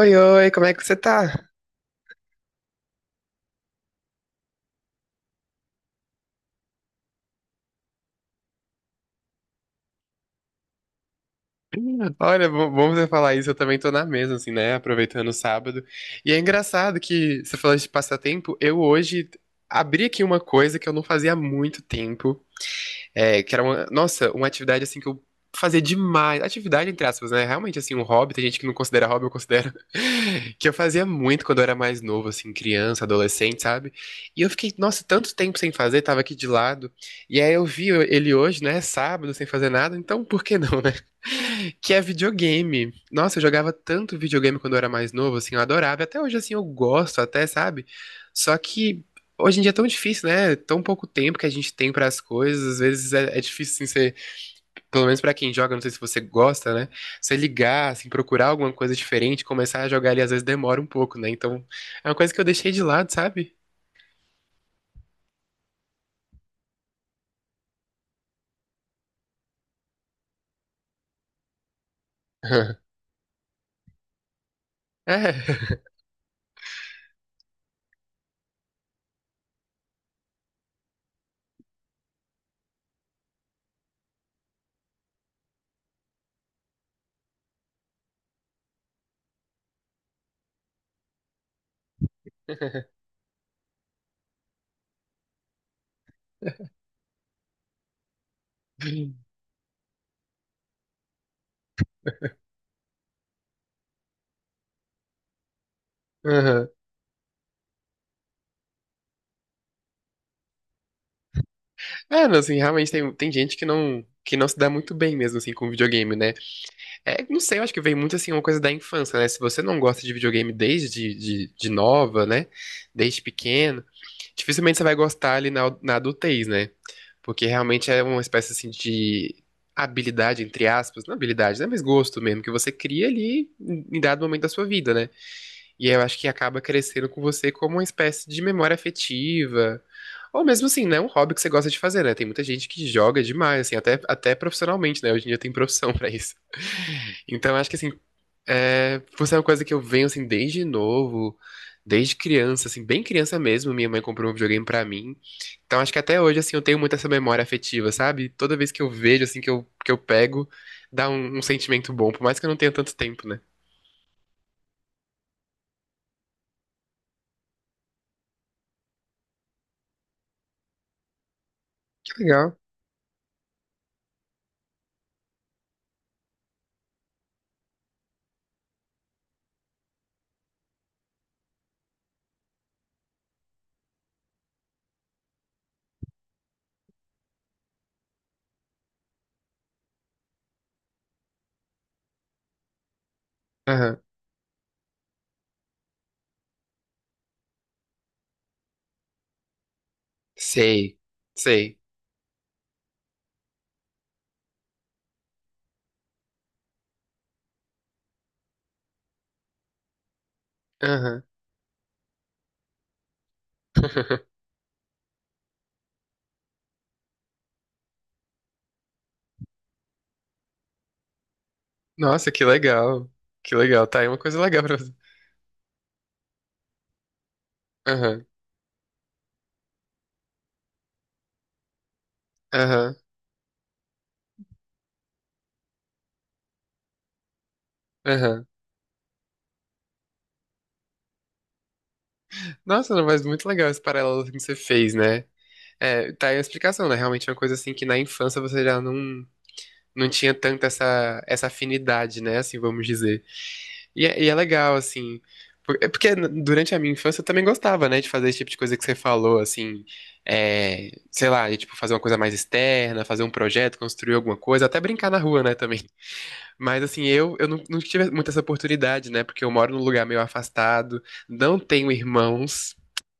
Oi, oi, como é que você tá? Olha, bom você falar isso, eu também tô na mesma, assim, né? Aproveitando o sábado. E é engraçado que você falou de passatempo, eu hoje abri aqui uma coisa que eu não fazia há muito tempo, é, que era uma, nossa, uma atividade assim que eu fazia demais. Atividade, entre aspas, né? Realmente, assim, um hobby. Tem gente que não considera hobby, eu considero. Que eu fazia muito quando eu era mais novo, assim, criança, adolescente, sabe? E eu fiquei, nossa, tanto tempo sem fazer, tava aqui de lado. E aí eu vi ele hoje, né? Sábado, sem fazer nada. Então, por que não, né? Que é videogame. Nossa, eu jogava tanto videogame quando eu era mais novo, assim, eu adorava. Até hoje, assim, eu gosto, até, sabe? Só que hoje em dia é tão difícil, né? É tão pouco tempo que a gente tem para as coisas. Às vezes é difícil, assim, você, pelo menos para quem joga, não sei se você gosta, né? Você ligar, assim, procurar alguma coisa diferente, começar a jogar ali, às vezes demora um pouco, né? Então, é uma coisa que eu deixei de lado, sabe? É. Aham. É, não, assim, realmente tem gente que não se dá muito bem mesmo, assim, com videogame, né? É, não sei, eu acho que vem muito, assim, uma coisa da infância, né? Se você não gosta de videogame desde de nova, né? Desde pequeno, dificilmente você vai gostar ali na, na adultez, né? Porque realmente é uma espécie assim de habilidade, entre aspas, não habilidade, né? Mas gosto mesmo, que você cria ali em dado momento da sua vida, né? E eu acho que acaba crescendo com você como uma espécie de memória afetiva. Ou mesmo assim, né? Um hobby que você gosta de fazer, né? Tem muita gente que joga demais, assim, até, até profissionalmente, né? Hoje em dia tem profissão pra isso. Então, acho que assim, é, por ser uma coisa que eu venho assim desde novo, desde criança, assim, bem criança mesmo, minha mãe comprou um videogame pra mim. Então acho que até hoje assim eu tenho muito essa memória afetiva, sabe? Toda vez que eu vejo assim que eu pego, dá um, um sentimento bom, por mais que eu não tenha tanto tempo, né? Que legal. Aham. Sei. Sei. Aham. Nossa, que legal. Que legal. Tá aí uma coisa legal pra fazer. Aham. Aham. Aham. Nossa, não, mas muito legal esse paralelo assim, que você fez, né? É, tá aí a explicação, né? Realmente é uma coisa assim que na infância você já não, não tinha tanta essa, essa afinidade, né? Assim, vamos dizer. E é legal, assim. Porque durante a minha infância eu também gostava, né, de fazer esse tipo de coisa que você falou, assim, é, sei lá, de, tipo, fazer uma coisa mais externa, fazer um projeto, construir alguma coisa, até brincar na rua, né, também. Mas assim, eu não, não tive muita essa oportunidade, né? Porque eu moro num lugar meio afastado, não tenho irmãos,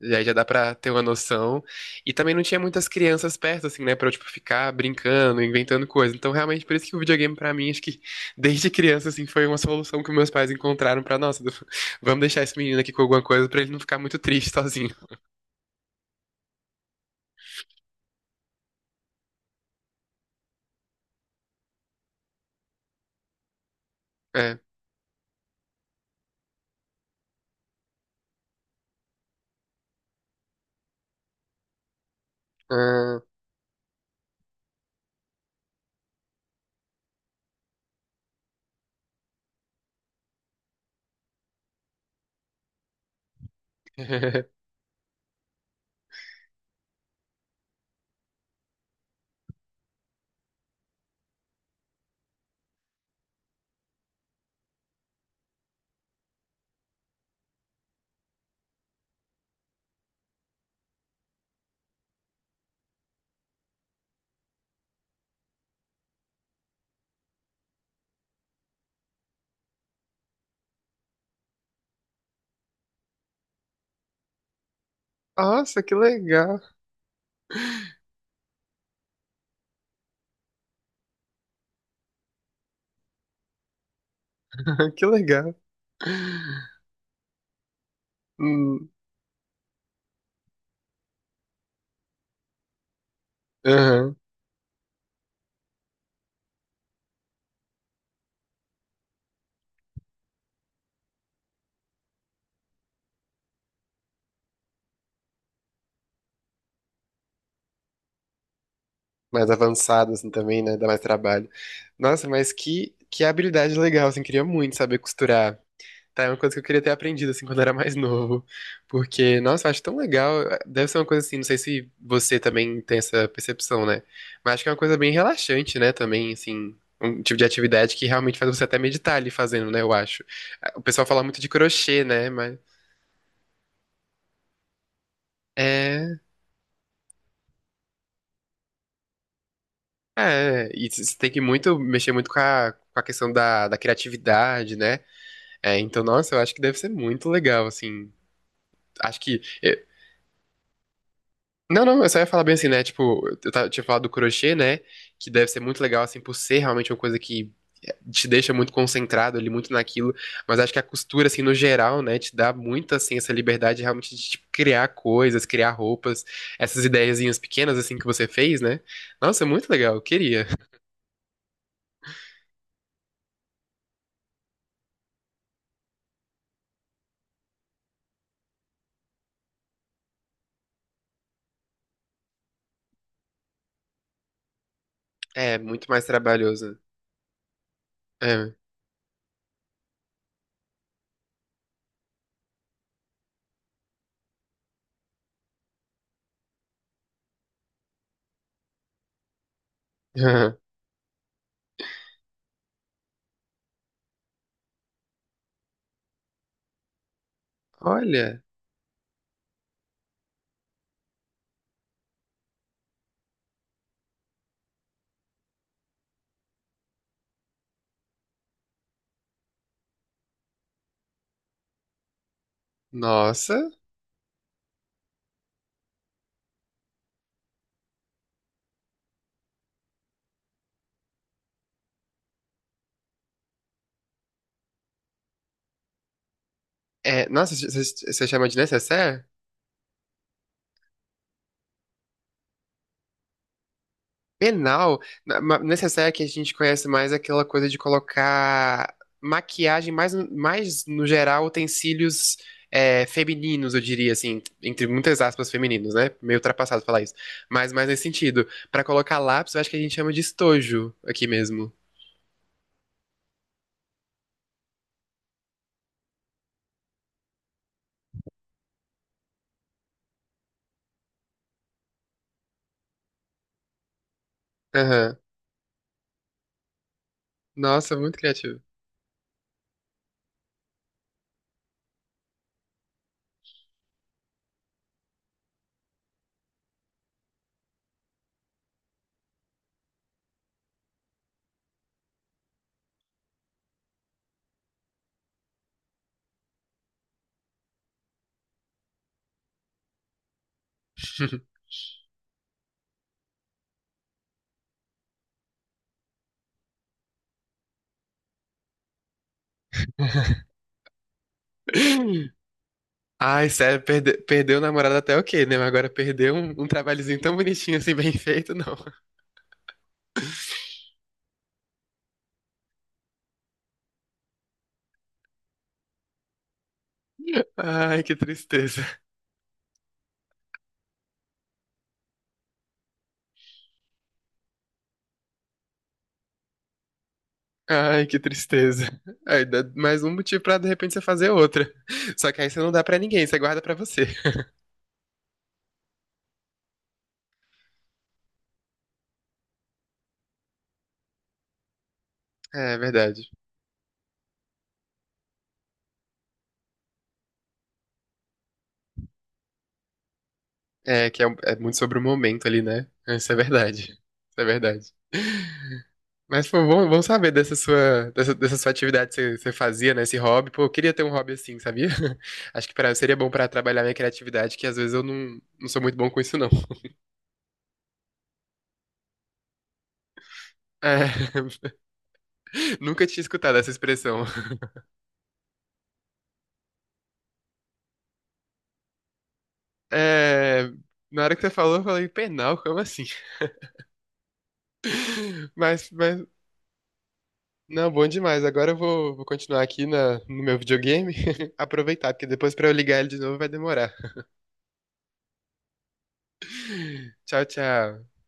já dá pra ter uma noção. E também não tinha muitas crianças perto, assim, né? Pra eu, tipo, ficar brincando, inventando coisa. Então, realmente, por isso que o videogame, pra mim, acho que desde criança, assim, foi uma solução que meus pais encontraram pra, nossa, vamos deixar esse menino aqui com alguma coisa pra ele não ficar muito triste sozinho. É. Ah. Nossa, que legal, que legal. Hum. Aham. Mais avançado, assim, também, né? Dá mais trabalho. Nossa, mas que habilidade legal, assim, queria muito saber costurar. Tá, é uma coisa que eu queria ter aprendido, assim, quando era mais novo. Porque, nossa, eu acho tão legal. Deve ser uma coisa assim, não sei se você também tem essa percepção, né? Mas acho que é uma coisa bem relaxante, né? Também, assim, um tipo de atividade que realmente faz você até meditar ali fazendo, né? Eu acho. O pessoal fala muito de crochê, né? Mas. É, e você tem que muito mexer muito com a questão da, da criatividade, né? É, então, nossa, eu acho que deve ser muito legal, assim. Acho que. eu- Não, não, eu só ia falar bem assim, né? Tipo, tinha falado do crochê, né? Que deve ser muito legal, assim, por ser realmente uma coisa que te deixa muito concentrado ali, muito naquilo. Mas acho que a costura, assim, no geral, né? Te dá muito, assim, essa liberdade realmente de, tipo, criar coisas, criar roupas, essas ideiazinhas pequenas, assim, que você fez, né? Nossa, muito legal, eu queria. É, muito mais trabalhoso. É. Olha, nossa. É, nossa, você chama de necessaire? Penal, nessa que a gente conhece mais aquela coisa de colocar maquiagem mais, mais no geral, utensílios é, femininos, eu diria assim, entre muitas aspas femininos, né? Meio ultrapassado falar isso. Mas mais nesse sentido. Pra colocar lápis, eu acho que a gente chama de estojo aqui mesmo. Aham. Nossa, muito criativo. Ai, sério, perdeu o namorado até o quê, né? Mas agora perdeu um, um trabalhozinho tão bonitinho assim, bem feito, não. Ai, que tristeza. Ai, que tristeza. Aí dá mais um motivo pra de repente você fazer outra. Só que aí você não dá pra ninguém, você guarda pra você. É, é verdade. É que é, é muito sobre o momento ali, né? Isso é verdade. Isso é verdade. Mas, pô, bom, bom saber dessa sua, dessa, dessa sua atividade que você, você fazia, né? Esse hobby. Pô, eu queria ter um hobby assim, sabia? Acho que pra, seria bom pra trabalhar minha criatividade, que às vezes eu não, não sou muito bom com isso, não. É, nunca tinha escutado essa expressão. É, na hora que você falou, eu falei, penal, como assim? Mas não, bom demais. Agora eu vou, vou continuar aqui na, no meu videogame. Aproveitar, porque depois pra eu ligar ele de novo vai demorar. Tchau, tchau.